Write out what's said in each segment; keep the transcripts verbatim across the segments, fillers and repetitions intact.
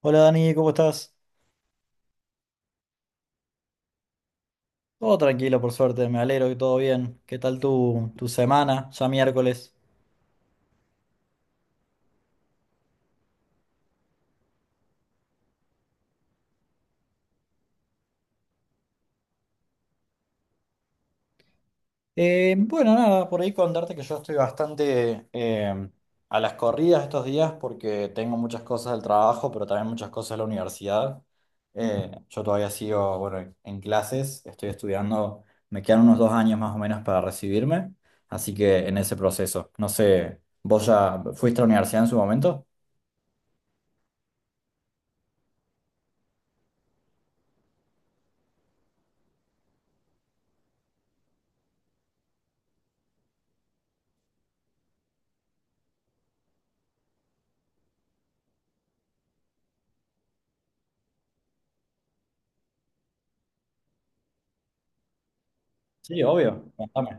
Hola Dani, ¿cómo estás? Todo tranquilo, por suerte, me alegro que todo bien. ¿Qué tal tu, tu semana? Ya miércoles. Eh, bueno, Nada, por ahí contarte que yo estoy bastante eh, a las corridas estos días porque tengo muchas cosas del trabajo, pero también muchas cosas de la universidad. Eh, yo todavía sigo, bueno, en clases, estoy estudiando, me quedan unos dos años más o menos para recibirme, así que en ese proceso. No sé, ¿vos ya fuiste a la universidad en su momento? Sí, obvio. Contame.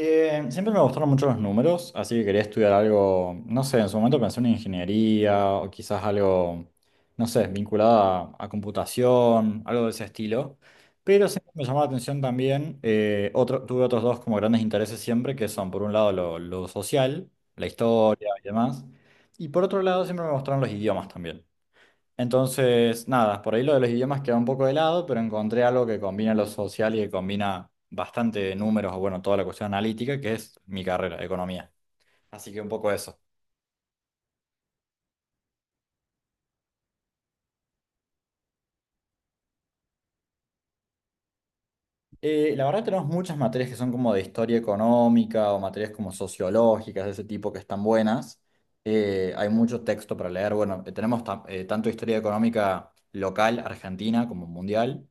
Eh, siempre me gustaron mucho los números, así que quería estudiar algo, no sé, en su momento pensé en ingeniería o quizás algo, no sé, vinculado a, a computación, algo de ese estilo. Pero siempre me llamó la atención también, eh, otro, tuve otros dos como grandes intereses siempre, que son por un lado lo, lo social, la historia y demás, y por otro lado siempre me gustaron los idiomas también. Entonces, nada, por ahí lo de los idiomas queda un poco de lado, pero encontré algo que combina lo social y que combina bastante números, o bueno, toda la cuestión analítica, que es mi carrera, economía. Así que un poco eso. Eh, la verdad tenemos muchas materias que son como de historia económica o materias como sociológicas de ese tipo que están buenas. Eh, hay mucho texto para leer. Bueno, eh, tenemos ta- eh, tanto historia económica local, argentina, como mundial.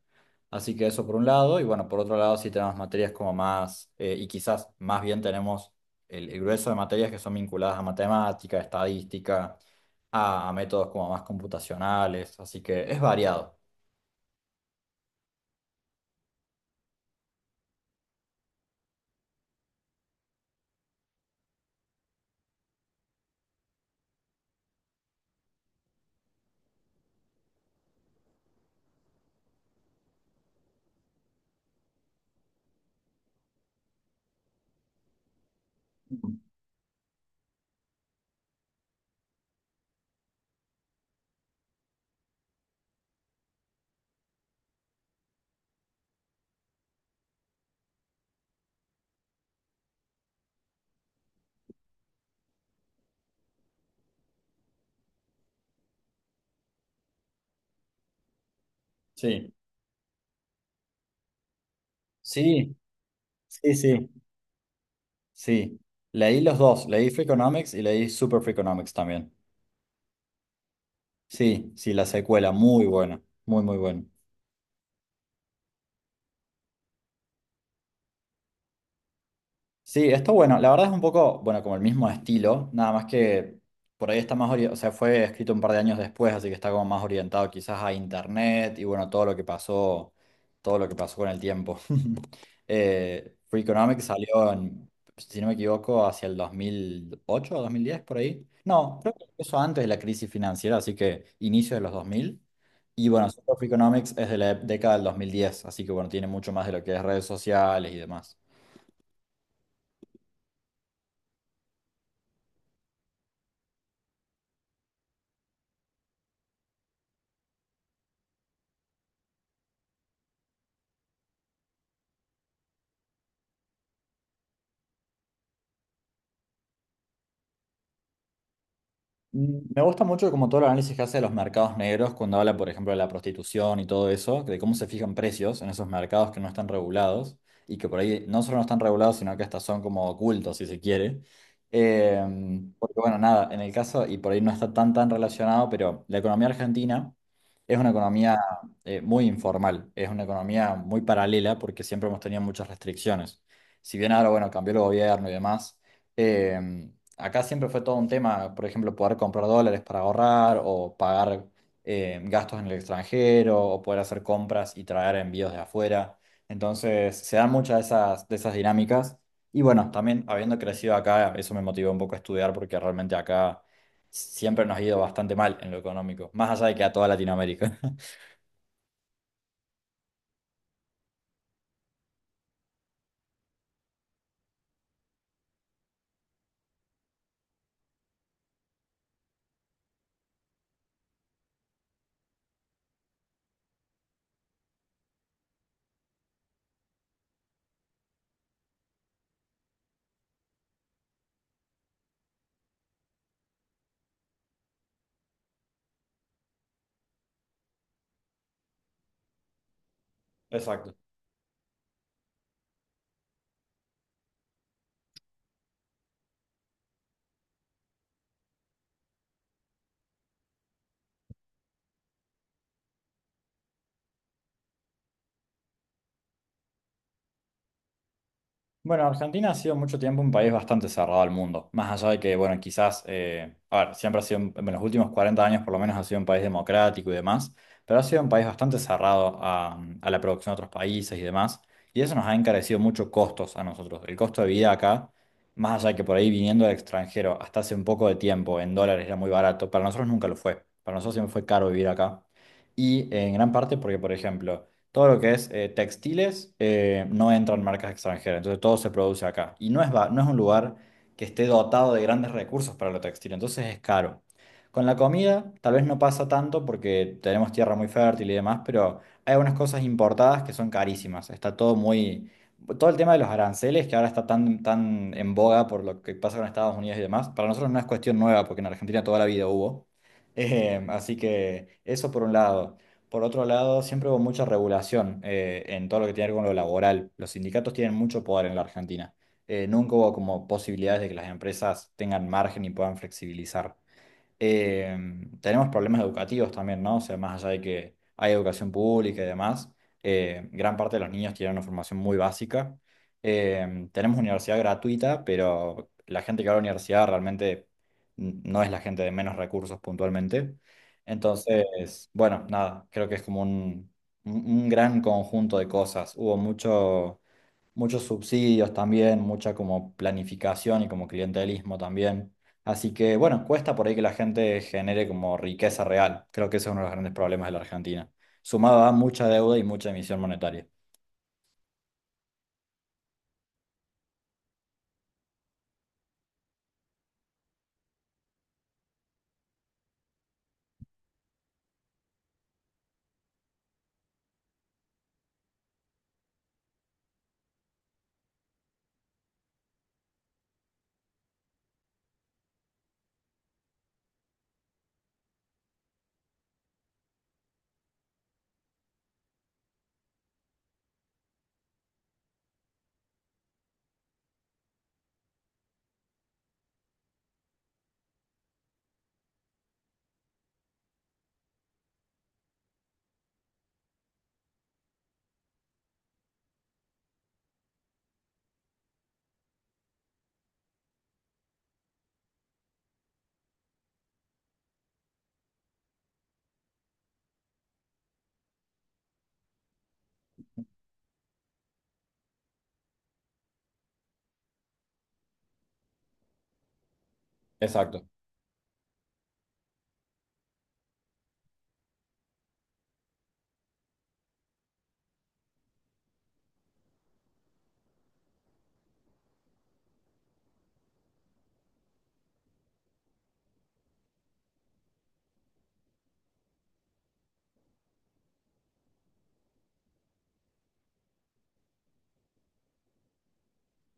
Así que eso por un lado. Y bueno, por otro lado sí tenemos materias como más, eh, y quizás más bien tenemos el, el grueso de materias que son vinculadas a matemática, estadística, a, a métodos como más computacionales. Así que es variado. Sí. Sí, sí, sí. Sí, leí los dos, leí Freakonomics y leí Super Freakonomics también. Sí, sí, la secuela, muy buena, muy, muy buena. Sí, esto bueno, la verdad es un poco, bueno, como el mismo estilo, nada más que por ahí está más orientado, o sea, fue escrito un par de años después, así que está como más orientado quizás a internet y bueno, todo lo que pasó, todo lo que pasó con el tiempo. Eh, Free salió, en, si no me equivoco, hacia el dos mil ocho o dos mil diez por ahí. No, creo que eso antes de la crisis financiera, así que inicio de los dos mil. Y bueno, Free es de la década del dos mil diez, así que bueno, tiene mucho más de lo que es redes sociales y demás. Mm, Me gusta mucho como todo el análisis que hace de los mercados negros cuando habla, por ejemplo, de la prostitución y todo eso, de cómo se fijan precios en esos mercados que no están regulados y que por ahí no solo no están regulados, sino que hasta son como ocultos, si se quiere. Eh, Porque bueno, nada, en el caso, y por ahí no está tan tan relacionado, pero la economía argentina es una economía eh, muy informal, es una economía muy paralela porque siempre hemos tenido muchas restricciones. Si bien ahora, bueno, cambió el gobierno y demás. Em, acá siempre fue todo un tema, por ejemplo, poder comprar dólares para ahorrar o pagar em, gastos en el extranjero o poder hacer compras y traer envíos de afuera. Entonces, se dan muchas de esas, de esas dinámicas. Y bueno, también habiendo crecido acá, eso me motivó un poco a estudiar porque realmente acá siempre nos ha ido bastante mal en lo económico, más allá de que a toda Latinoamérica. Exacto. Bueno, Argentina ha sido mucho tiempo un país bastante cerrado al mundo, más allá de que, bueno, quizás, eh, a ver, siempre ha sido, un- en los últimos cuarenta años por lo menos ha sido un país democrático y demás, pero ha sido un país bastante cerrado a, a la producción de otros países y demás, y eso nos ha encarecido mucho costos a nosotros. El costo de vida acá, más allá de que por ahí viniendo del extranjero hasta hace un poco de tiempo en dólares era muy barato, para nosotros nunca lo fue, para nosotros siempre fue caro vivir acá, y eh, en gran parte porque, por ejemplo, todo lo que es eh, textiles eh, no entran marcas extranjeras, entonces todo se produce acá. Y no es, ba- no es un lugar que esté dotado de grandes recursos para lo textil, entonces es caro. Con la comida tal vez no pasa tanto porque tenemos tierra muy fértil y demás, pero hay algunas cosas importadas que son carísimas. Está todo muy... Todo el tema de los aranceles que ahora está tan, tan en boga por lo que pasa con Estados Unidos y demás, para nosotros no es cuestión nueva porque en Argentina toda la vida hubo. Eh, así que eso por un lado. Por otro lado, siempre hubo mucha regulación eh, en todo lo que tiene que ver con lo laboral. Los sindicatos tienen mucho poder en la Argentina. Eh, nunca hubo como posibilidades de que las empresas tengan margen y puedan flexibilizar, eh, tenemos problemas educativos también, ¿no? O sea, más allá de que hay educación pública y demás, eh, gran parte de los niños tienen una formación muy básica. Eh, tenemos universidad gratuita, pero la gente que va a la universidad realmente n- no es la gente de menos recursos puntualmente. Entonces, bueno, nada, creo que es como un, un un gran conjunto de cosas. Hubo mucho muchos subsidios también, mucha como planificación y como clientelismo también. Así que bueno, cuesta por ahí que la gente genere como riqueza real. Creo que ese es uno de los grandes problemas de la Argentina. Sumado a mucha deuda y mucha emisión monetaria. Exacto.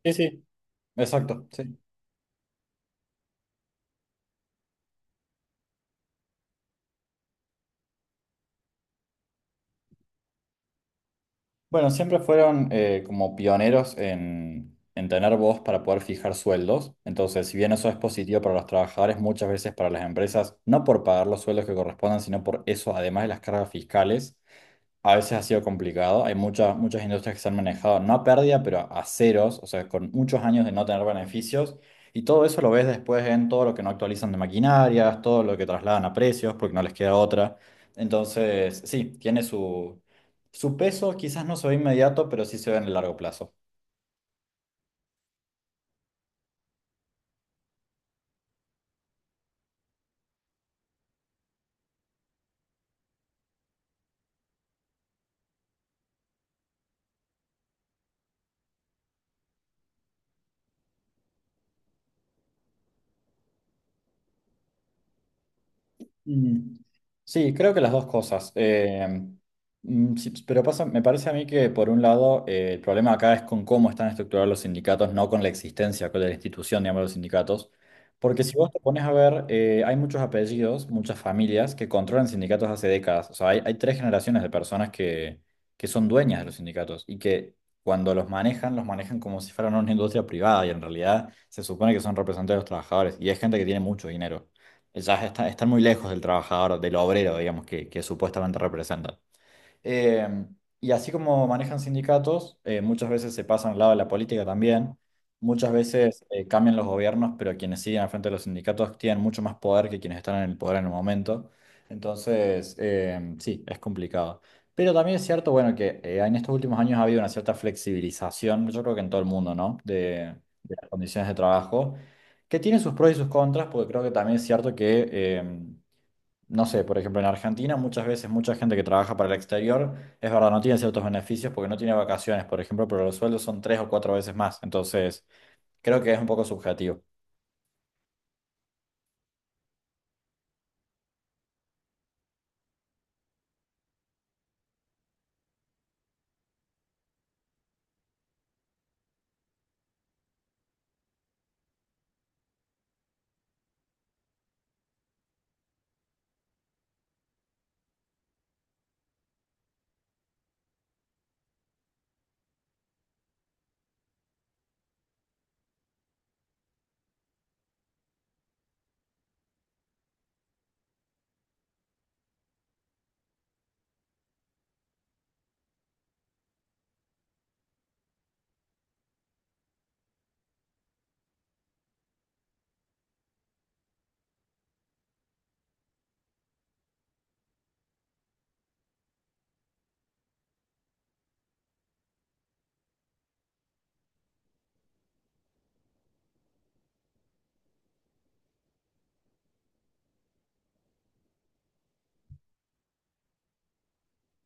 Sí, sí. Exacto, sí. Bueno, siempre fueron eh, como pioneros en, en tener voz para poder fijar sueldos. Entonces, si bien eso es positivo para los trabajadores, muchas veces para las empresas, no por pagar los sueldos que correspondan, sino por eso, además de las cargas fiscales, a veces ha sido complicado. Hay muchas, muchas industrias que se han manejado, no a pérdida, pero a ceros, o sea, con muchos años de no tener beneficios. Y todo eso lo ves después en todo lo que no actualizan de maquinarias, todo lo que trasladan a precios, porque no les queda otra. Entonces, sí, tiene su, su peso, quizás no se ve inmediato, pero sí se ve en el largo plazo. Mm. Sí, creo que las dos cosas. Eh, mm, sí, pero pasa, me parece a mí que por un lado eh, el problema acá es con cómo están estructurados los sindicatos, no con la existencia con la institución, digamos, de los sindicatos. Porque si vos te pones a ver, eh, hay muchos apellidos, muchas familias que controlan sindicatos hace décadas. O sea, hay, hay tres generaciones de personas que, que son dueñas de los sindicatos y que cuando los manejan, los manejan como si fueran una industria privada y en realidad se supone que son representantes de los trabajadores y es gente que tiene mucho dinero ya está- están muy lejos del trabajador, del obrero, digamos, que, que supuestamente representan. Eh, y así como manejan sindicatos, eh, muchas veces se pasan al lado de la política también. Muchas veces eh, cambian los gobiernos, pero quienes siguen al frente de los sindicatos tienen mucho más poder que quienes están en el poder en el momento. Entonces, eh, sí, es complicado. Pero también es cierto, bueno, que eh, en estos últimos años ha habido una cierta flexibilización, yo creo que en todo el mundo, ¿no? De, de las condiciones de trabajo, que tiene sus pros y sus contras, porque creo que también es cierto que... em, no sé, por ejemplo, en Argentina muchas veces mucha gente que trabaja para el exterior, es verdad, no tiene ciertos beneficios porque no tiene vacaciones, por ejemplo, pero los sueldos son tres o cuatro veces más. Entonces, creo que es un poco subjetivo.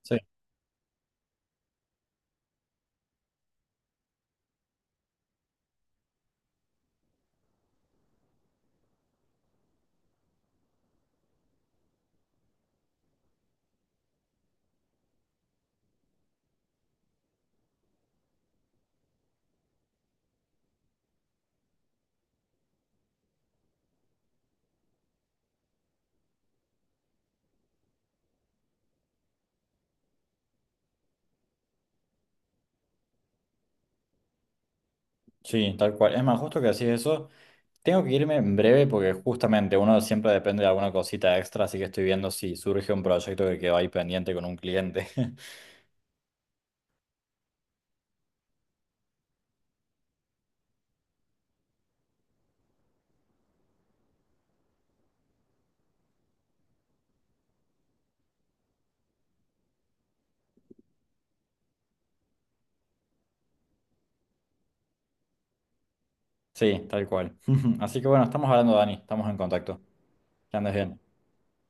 Sí. Sí, tal cual. Es más, justo que decís eso, tengo que irme en breve porque justamente uno siempre depende de alguna cosita extra, así que estoy viendo si surge un proyecto que quedó ahí pendiente con un cliente. Sí, tal cual. Así que bueno, estamos hablando, Dani, estamos en contacto. Que andes bien.